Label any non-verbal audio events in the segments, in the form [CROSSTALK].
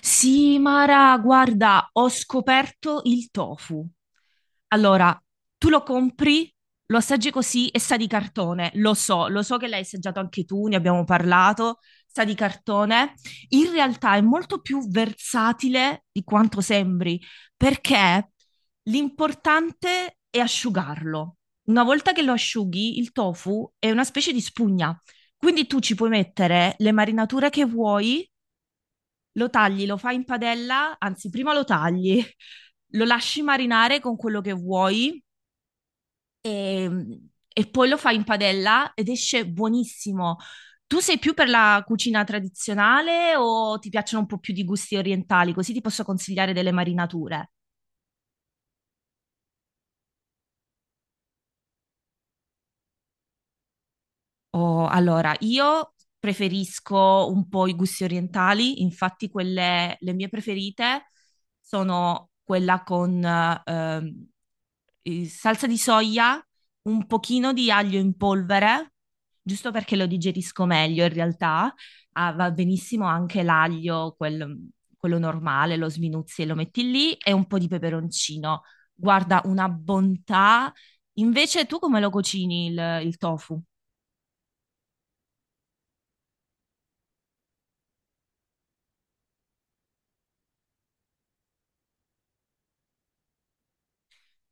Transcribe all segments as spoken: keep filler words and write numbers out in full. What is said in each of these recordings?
Sì, Mara, guarda, ho scoperto il tofu. Allora, tu lo compri, lo assaggi così e sa di cartone, lo so, lo so che l'hai assaggiato anche tu, ne abbiamo parlato, sa di cartone. In realtà è molto più versatile di quanto sembri, perché l'importante è asciugarlo. Una volta che lo asciughi, il tofu è una specie di spugna, quindi tu ci puoi mettere le marinature che vuoi, lo tagli, lo fai in padella, anzi, prima lo tagli, [LAUGHS] lo lasci marinare con quello che vuoi e, e poi lo fai in padella ed esce buonissimo. Tu sei più per la cucina tradizionale o ti piacciono un po' più di gusti orientali? Così ti posso consigliare delle marinature. Oh, allora, io preferisco un po' i gusti orientali, infatti quelle, le mie preferite sono quella con ehm, eh, salsa di soia, un pochino di aglio in polvere, giusto perché lo digerisco meglio in realtà. Ah, va benissimo anche l'aglio, quel- quello normale, lo sminuzzi e lo metti lì, e un po' di peperoncino. Guarda, una bontà. Invece tu come lo cucini il il tofu?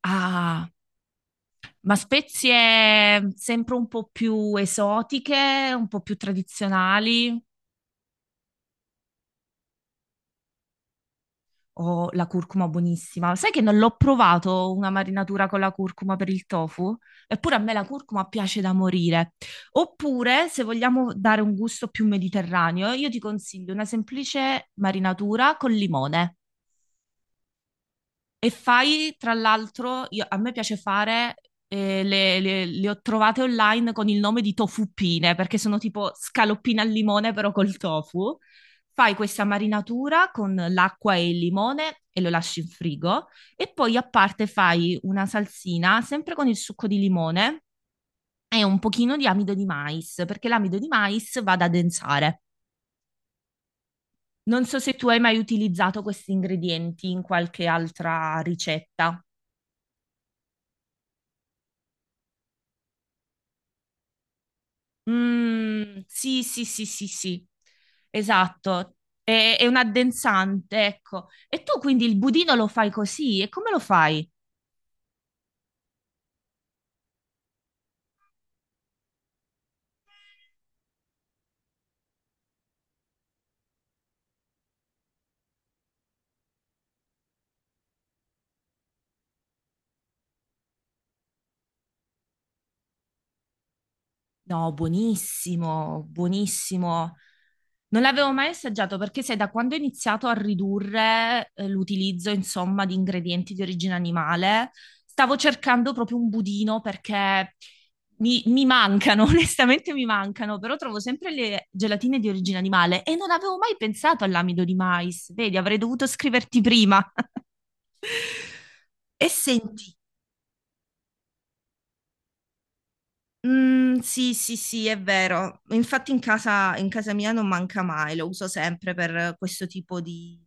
Ah, ma spezie mhmm, sempre un po' più esotiche, un po' più tradizionali o la curcuma buonissima? Sai che non l'ho provato una marinatura con la curcuma per il tofu? Eppure a me la curcuma piace da morire. Oppure, se vogliamo dare un gusto più mediterraneo, io ti consiglio una semplice marinatura con limone. E fai, tra l'altro, io- a me piace fare, eh, le, le- le ho trovate online con il nome di tofuppine, perché sono tipo scaloppine al limone, però col tofu. Fai questa marinatura con l'acqua e il limone e lo lasci in frigo. E poi a parte fai una salsina, sempre con il succo di limone e un pochino di amido di mais, perché l'amido di mais va ad addensare. Non so se tu hai mai utilizzato questi ingredienti in qualche altra ricetta. Mm, sì, sì, sì, sì, sì, esatto. È, è un addensante, ecco. E tu quindi il budino lo fai così? E come lo fai? No, buonissimo, buonissimo. Non l'avevo mai assaggiato perché sai, da quando ho iniziato a ridurre eh, l'utilizzo, insomma, di ingredienti di origine animale, stavo cercando proprio un budino perché mi, mi mancano, [LAUGHS] onestamente mi mancano, però trovo sempre le gelatine di origine animale e non avevo mai pensato all'amido di mais. Vedi, avrei dovuto scriverti prima. [LAUGHS] E senti, mm, sì, sì, sì, è vero. Infatti in casa, in casa mia non manca mai, lo uso sempre per questo tipo di,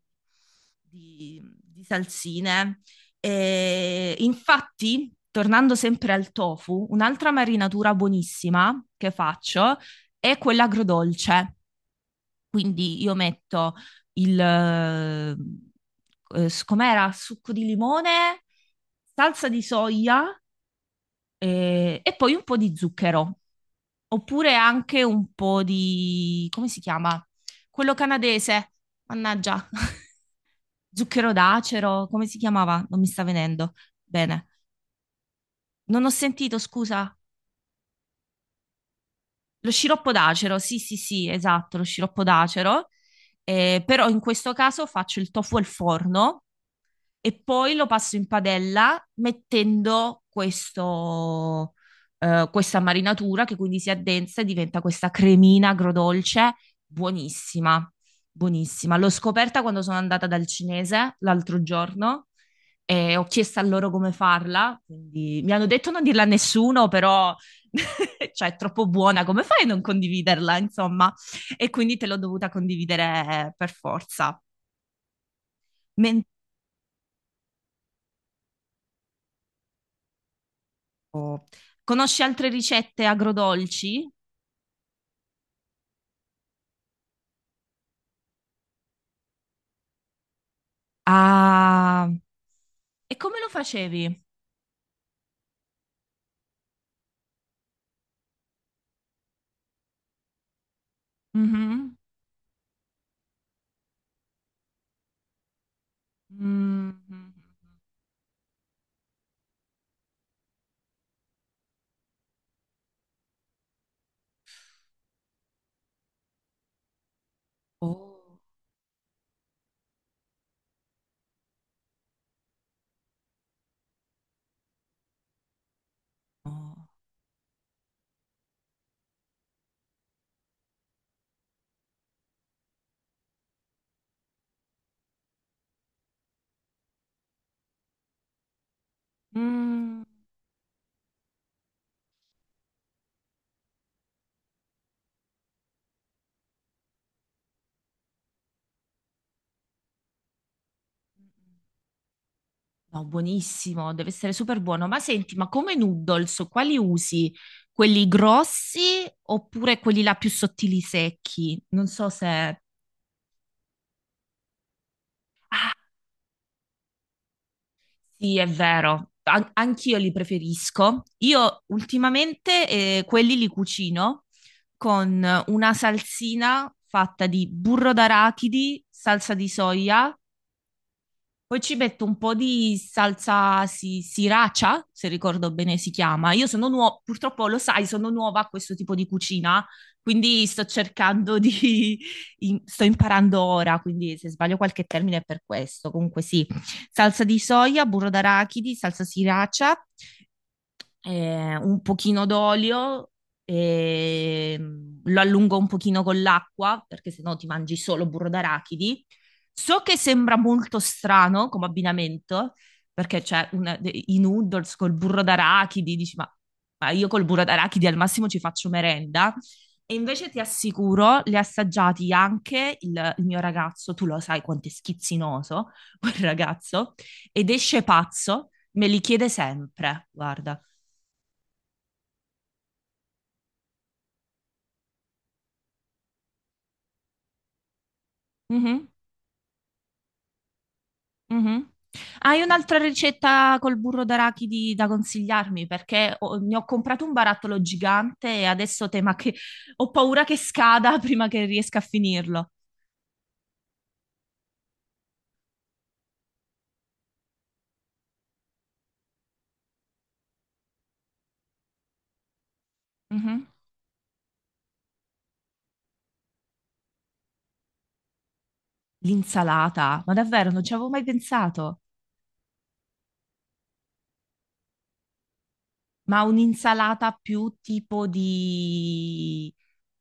di- di salsine. E infatti, tornando sempre al tofu, un'altra marinatura buonissima che faccio è quella agrodolce. Quindi io metto il, eh, s- com'era? Succo di limone, salsa di soia, eh, e poi un po' di zucchero, oppure anche un po' di, come si chiama? Quello canadese, mannaggia, [LAUGHS] zucchero d'acero, come si chiamava? Non mi sta venendo. Bene, non ho sentito, scusa. Lo sciroppo d'acero, sì, sì, sì, esatto, lo sciroppo d'acero. Eh, però in questo caso faccio il tofu al forno e poi lo passo in padella mettendo questo, eh, questa marinatura che quindi si addensa e diventa questa cremina agrodolce buonissima, buonissima. L'ho scoperta quando sono andata dal cinese l'altro giorno e ho chiesto a loro come farla, quindi mi hanno detto non dirla a nessuno, però [LAUGHS] cioè è troppo buona, come fai a non condividerla, insomma? E quindi te l'ho dovuta condividere, eh, per forza. Oh. Conosci altre ricette agrodolci? Ah, e come lo facevi? Mhm. Mhm. Oh, no, mm, no, buonissimo, deve essere super buono. Ma senti, ma come noodles, quali usi? Quelli grossi oppure quelli là più sottili secchi? Non so se... Sì, è vero, An- anch'io li preferisco. Io ultimamente, eh, quelli li cucino con una salsina fatta di burro d'arachidi, salsa di soia, poi ci metto un po' di salsa si- sriracha, se ricordo bene si chiama. Io sono nuova, purtroppo lo sai, sono nuova a questo tipo di cucina, quindi sto cercando di... in- sto imparando ora, quindi se sbaglio qualche termine è per questo. Comunque sì, salsa di soia, burro d'arachidi, salsa sriracha, eh, un pochino d'olio e mm, lo allungo un pochino con l'acqua perché sennò ti mangi solo burro d'arachidi. So che sembra molto strano come abbinamento perché c'è un- i noodles col burro d'arachidi, dici ma, ma io col burro d'arachidi al massimo ci faccio merenda. E invece ti assicuro, li ha assaggiati anche il, il mio ragazzo, tu lo sai quanto è schizzinoso [LAUGHS] quel ragazzo, ed esce pazzo, me li chiede sempre, guarda. Mhm, mhm. Hai un'altra ricetta col burro d'arachidi da consigliarmi? Perché ho- ne ho comprato un barattolo gigante e adesso tema che ho paura che scada [LAUGHS] prima che riesca a finirlo. Mhm. L'insalata, ma davvero non ci avevo mai pensato. Ma un'insalata più tipo di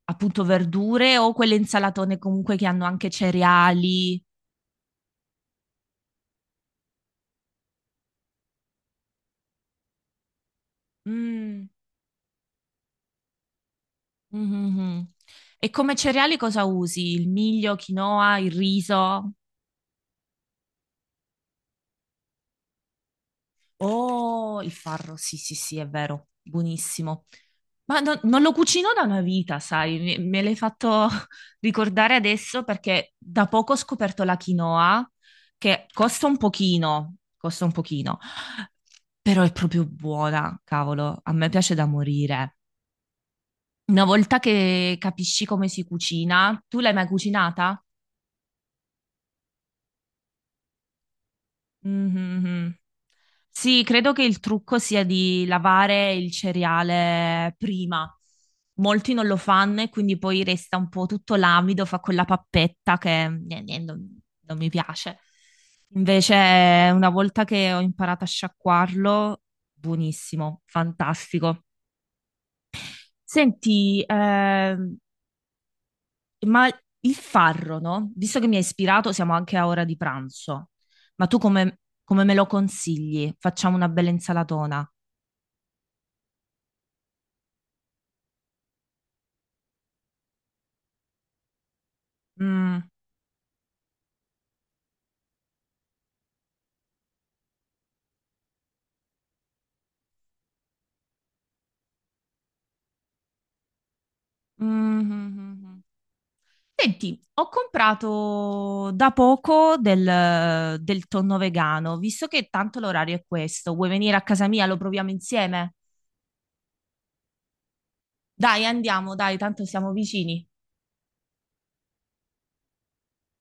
appunto verdure o quelle insalatone comunque che hanno anche cereali? Mm. Mhm. E come cereali cosa usi? Il miglio, quinoa, il riso? Oh, il farro, sì, sì, sì, è vero, buonissimo. Ma no- non lo cucino da una vita, sai, me, me l'hai fatto [LAUGHS] ricordare adesso perché da poco ho scoperto la quinoa, che costa un pochino, costa un pochino, però è proprio buona, cavolo, a me piace da morire. Una volta che capisci come si cucina, tu l'hai mai cucinata? Mhm, mhm. Sì, credo che il trucco sia di lavare il cereale prima. Molti non lo fanno e quindi poi resta un po' tutto l'amido, fa quella pappetta che eh, eh, non, non mi piace. Invece, una volta che ho imparato a sciacquarlo, buonissimo, fantastico. Senti, ehm, ma il farro, no? Visto che mi hai ispirato, siamo anche a ora di pranzo. Ma tu come, come me lo consigli? Facciamo una bella insalatona. Mm, mm, mm, mm. Senti, ho comprato da poco del, del tonno vegano, visto che tanto l'orario è questo. Vuoi venire a casa mia? Lo proviamo insieme? Dai, andiamo, dai, tanto siamo vicini.